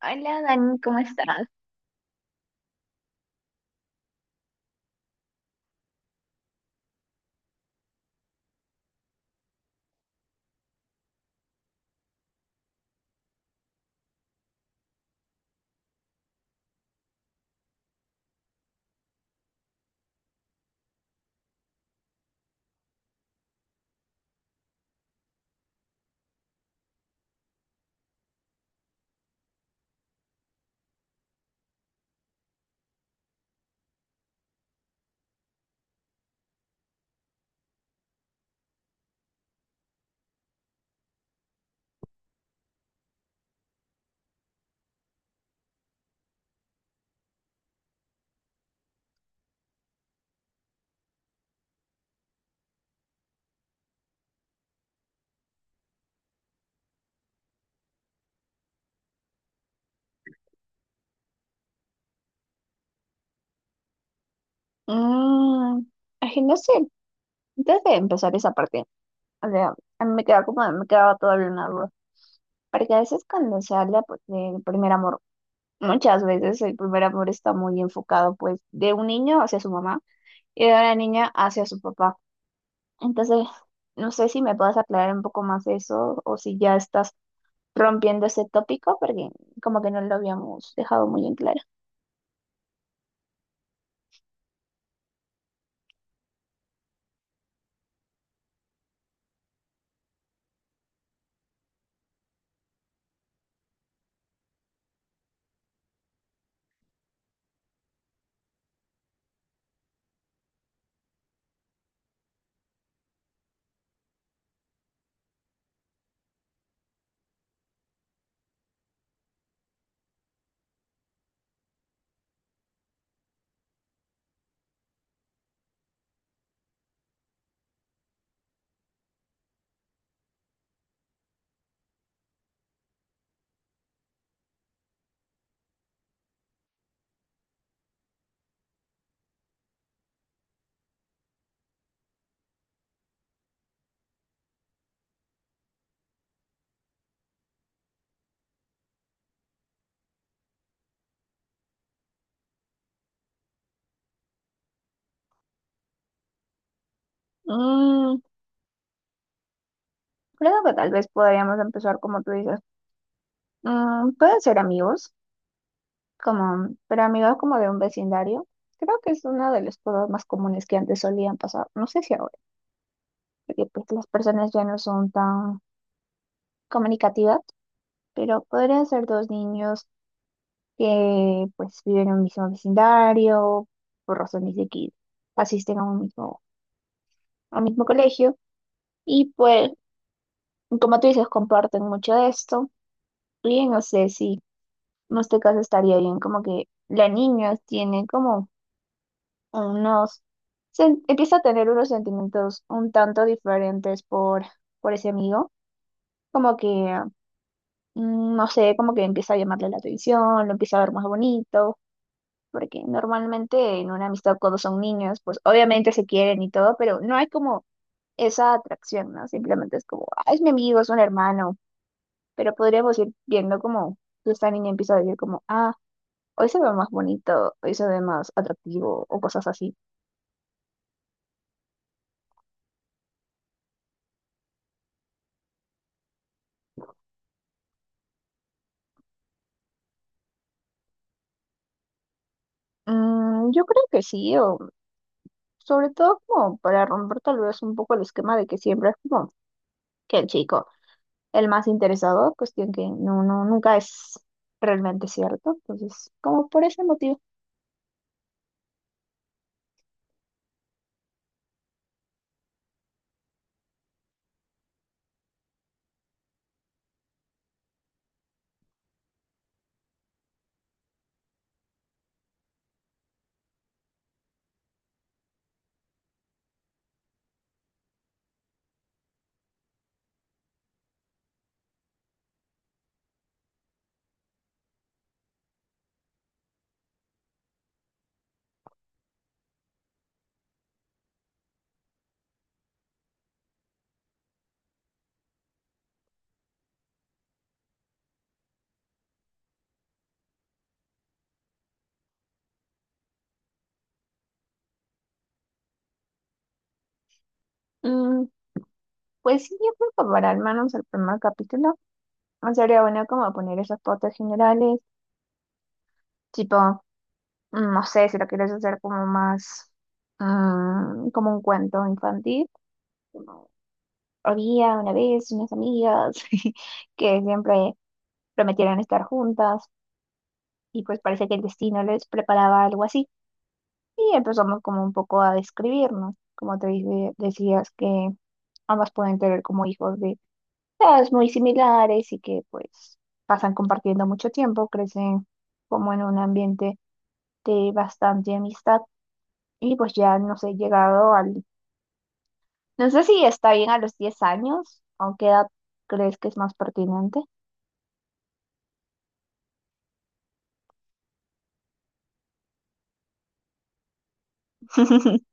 Hola Dani, ¿cómo estás? Mm, es que no sé, antes de empezar esa parte, o sea, a mí me quedaba todavía una duda, porque a veces cuando se habla pues, del primer amor, muchas veces el primer amor está muy enfocado pues de un niño hacia su mamá y de una niña hacia su papá. Entonces, no sé si me puedes aclarar un poco más eso o si ya estás rompiendo ese tópico, porque como que no lo habíamos dejado muy en claro. Mm, Creo que tal vez podríamos empezar como tú dices. Pueden ser amigos, como, pero amigos como de un vecindario. Creo que es uno de los problemas más comunes que antes solían pasar. No sé si ahora, porque pues, las personas ya no son tan comunicativas, pero podrían ser dos niños que pues viven en un mismo vecindario, por razones de que asisten a un mismo colegio, y pues, como tú dices, comparten mucho de esto. Y no sé si en este caso estaría bien como que la niña tiene como unos, empieza a tener unos sentimientos un tanto diferentes por ese amigo, como que, no sé, como que empieza a llamarle la atención, lo empieza a ver más bonito, porque normalmente en una amistad cuando son niños, pues obviamente se quieren y todo, pero no hay como esa atracción, ¿no? Simplemente es como, ah, es mi amigo, es un hermano, pero podríamos ir viendo como esta niña empieza a decir como, ah, hoy se ve más bonito, hoy se ve más atractivo o cosas así. Yo creo que sí, o Sobre todo como para romper tal vez un poco el esquema de que siempre es como que el chico, el más interesado, cuestión que no, no, nunca es realmente cierto. Entonces, como por ese motivo. Mm, pues sí, yo creo que para al menos el primer capítulo no sería bueno como poner esas fotos generales, tipo, no sé, si lo quieres hacer como más, como un cuento infantil, como había una vez unas amigas que siempre prometieron estar juntas y pues parece que el destino les preparaba algo así. Y empezamos como un poco a describirnos, como decías que ambas pueden tener como hijos de edades muy similares y que pues pasan compartiendo mucho tiempo, crecen como en un ambiente de bastante amistad y pues ya no sé, llegado al, no sé si está bien a los 10 años, ¿a qué edad crees que es más pertinente?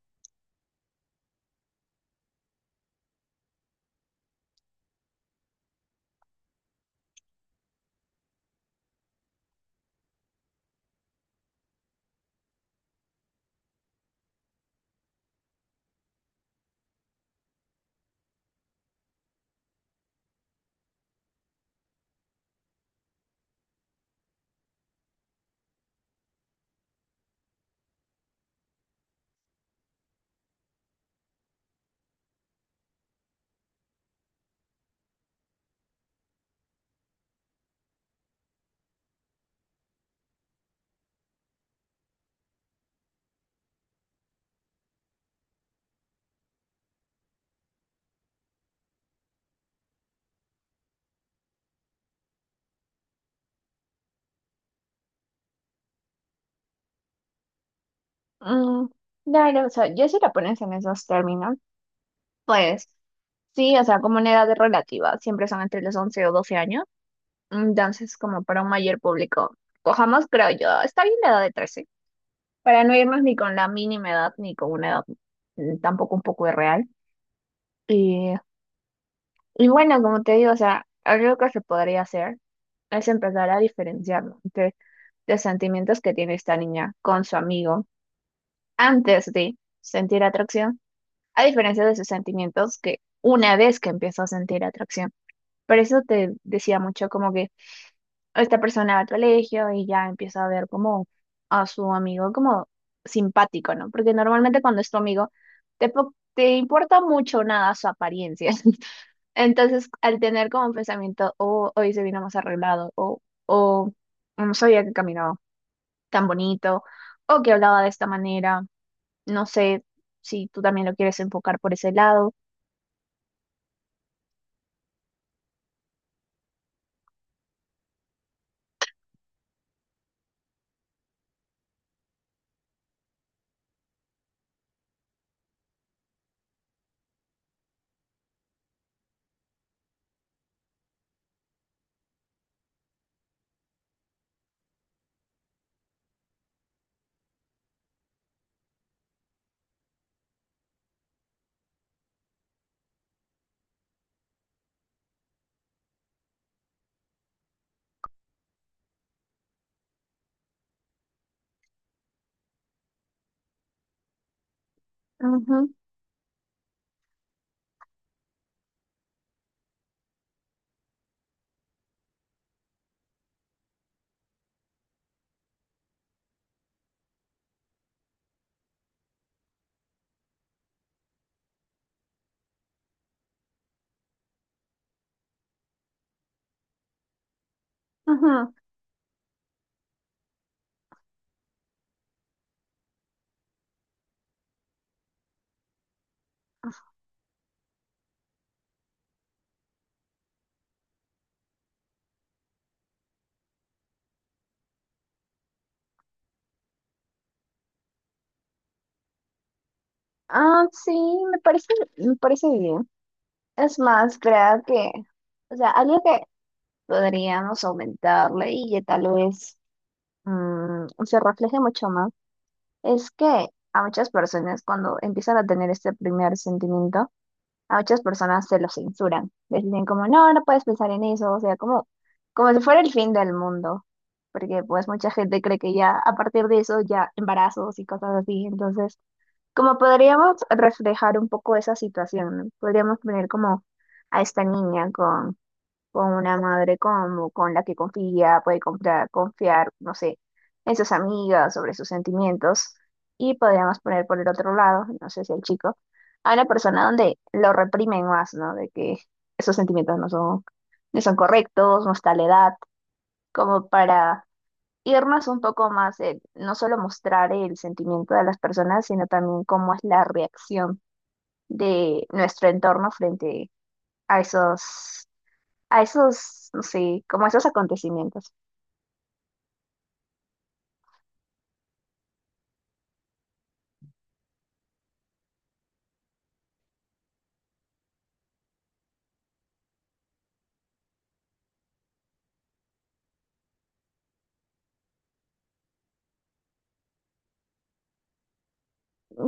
Mm, no, no, o sea, yo si la pones en esos términos, pues sí, o sea, como en edad relativa, siempre son entre los 11 o 12 años. Entonces, como para un mayor público, cojamos, creo yo, está bien la edad de 13 para no irnos ni con la mínima edad, ni con una edad tampoco un poco irreal. Y, y bueno, como te digo, o sea, algo que se podría hacer es empezar a diferenciarlo entre los sentimientos que tiene esta niña con su amigo antes de sentir atracción, a diferencia de sus sentimientos que una vez que empiezo a sentir atracción. Por eso te decía mucho como que esta persona al colegio y ya empieza a ver como a su amigo como simpático, ¿no? Porque normalmente cuando es tu amigo, te importa mucho nada su apariencia. Entonces, al tener como un pensamiento, oh, hoy se vino más arreglado, o oh, no sabía que caminaba tan bonito, o que hablaba de esta manera, no sé si tú también lo quieres enfocar por ese lado. Ujú, ujú. Ah, sí, me parece, me parece bien. Es más, creo que, o sea, algo que podríamos aumentarle y que tal vez se refleje mucho más, es que a muchas personas cuando empiezan a tener este primer sentimiento, a muchas personas se lo censuran. Les dicen como, no, no puedes pensar en eso, o sea, como, como si fuera el fin del mundo, porque pues mucha gente cree que ya a partir de eso ya embarazos y cosas así, entonces, como podríamos reflejar un poco esa situación, ¿no? Podríamos poner como a esta niña con una madre como con la que confía, puede comprar, confiar, no sé, en sus amigas, sobre sus sentimientos. Y podríamos poner por el otro lado, no sé si el chico, a una persona donde lo reprimen más, ¿no? De que esos sentimientos no son correctos, no está a la edad, como para irnos un poco más, en no solo mostrar el sentimiento de las personas, sino también cómo es la reacción de nuestro entorno frente a esos no sé, como a esos acontecimientos.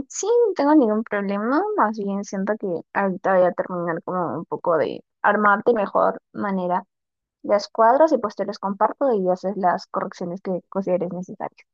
Sí, no tengo ningún problema, más bien siento que ahorita voy a terminar como un poco de armar de mejor manera las cuadros y pues te los comparto y haces las correcciones que consideres necesarias.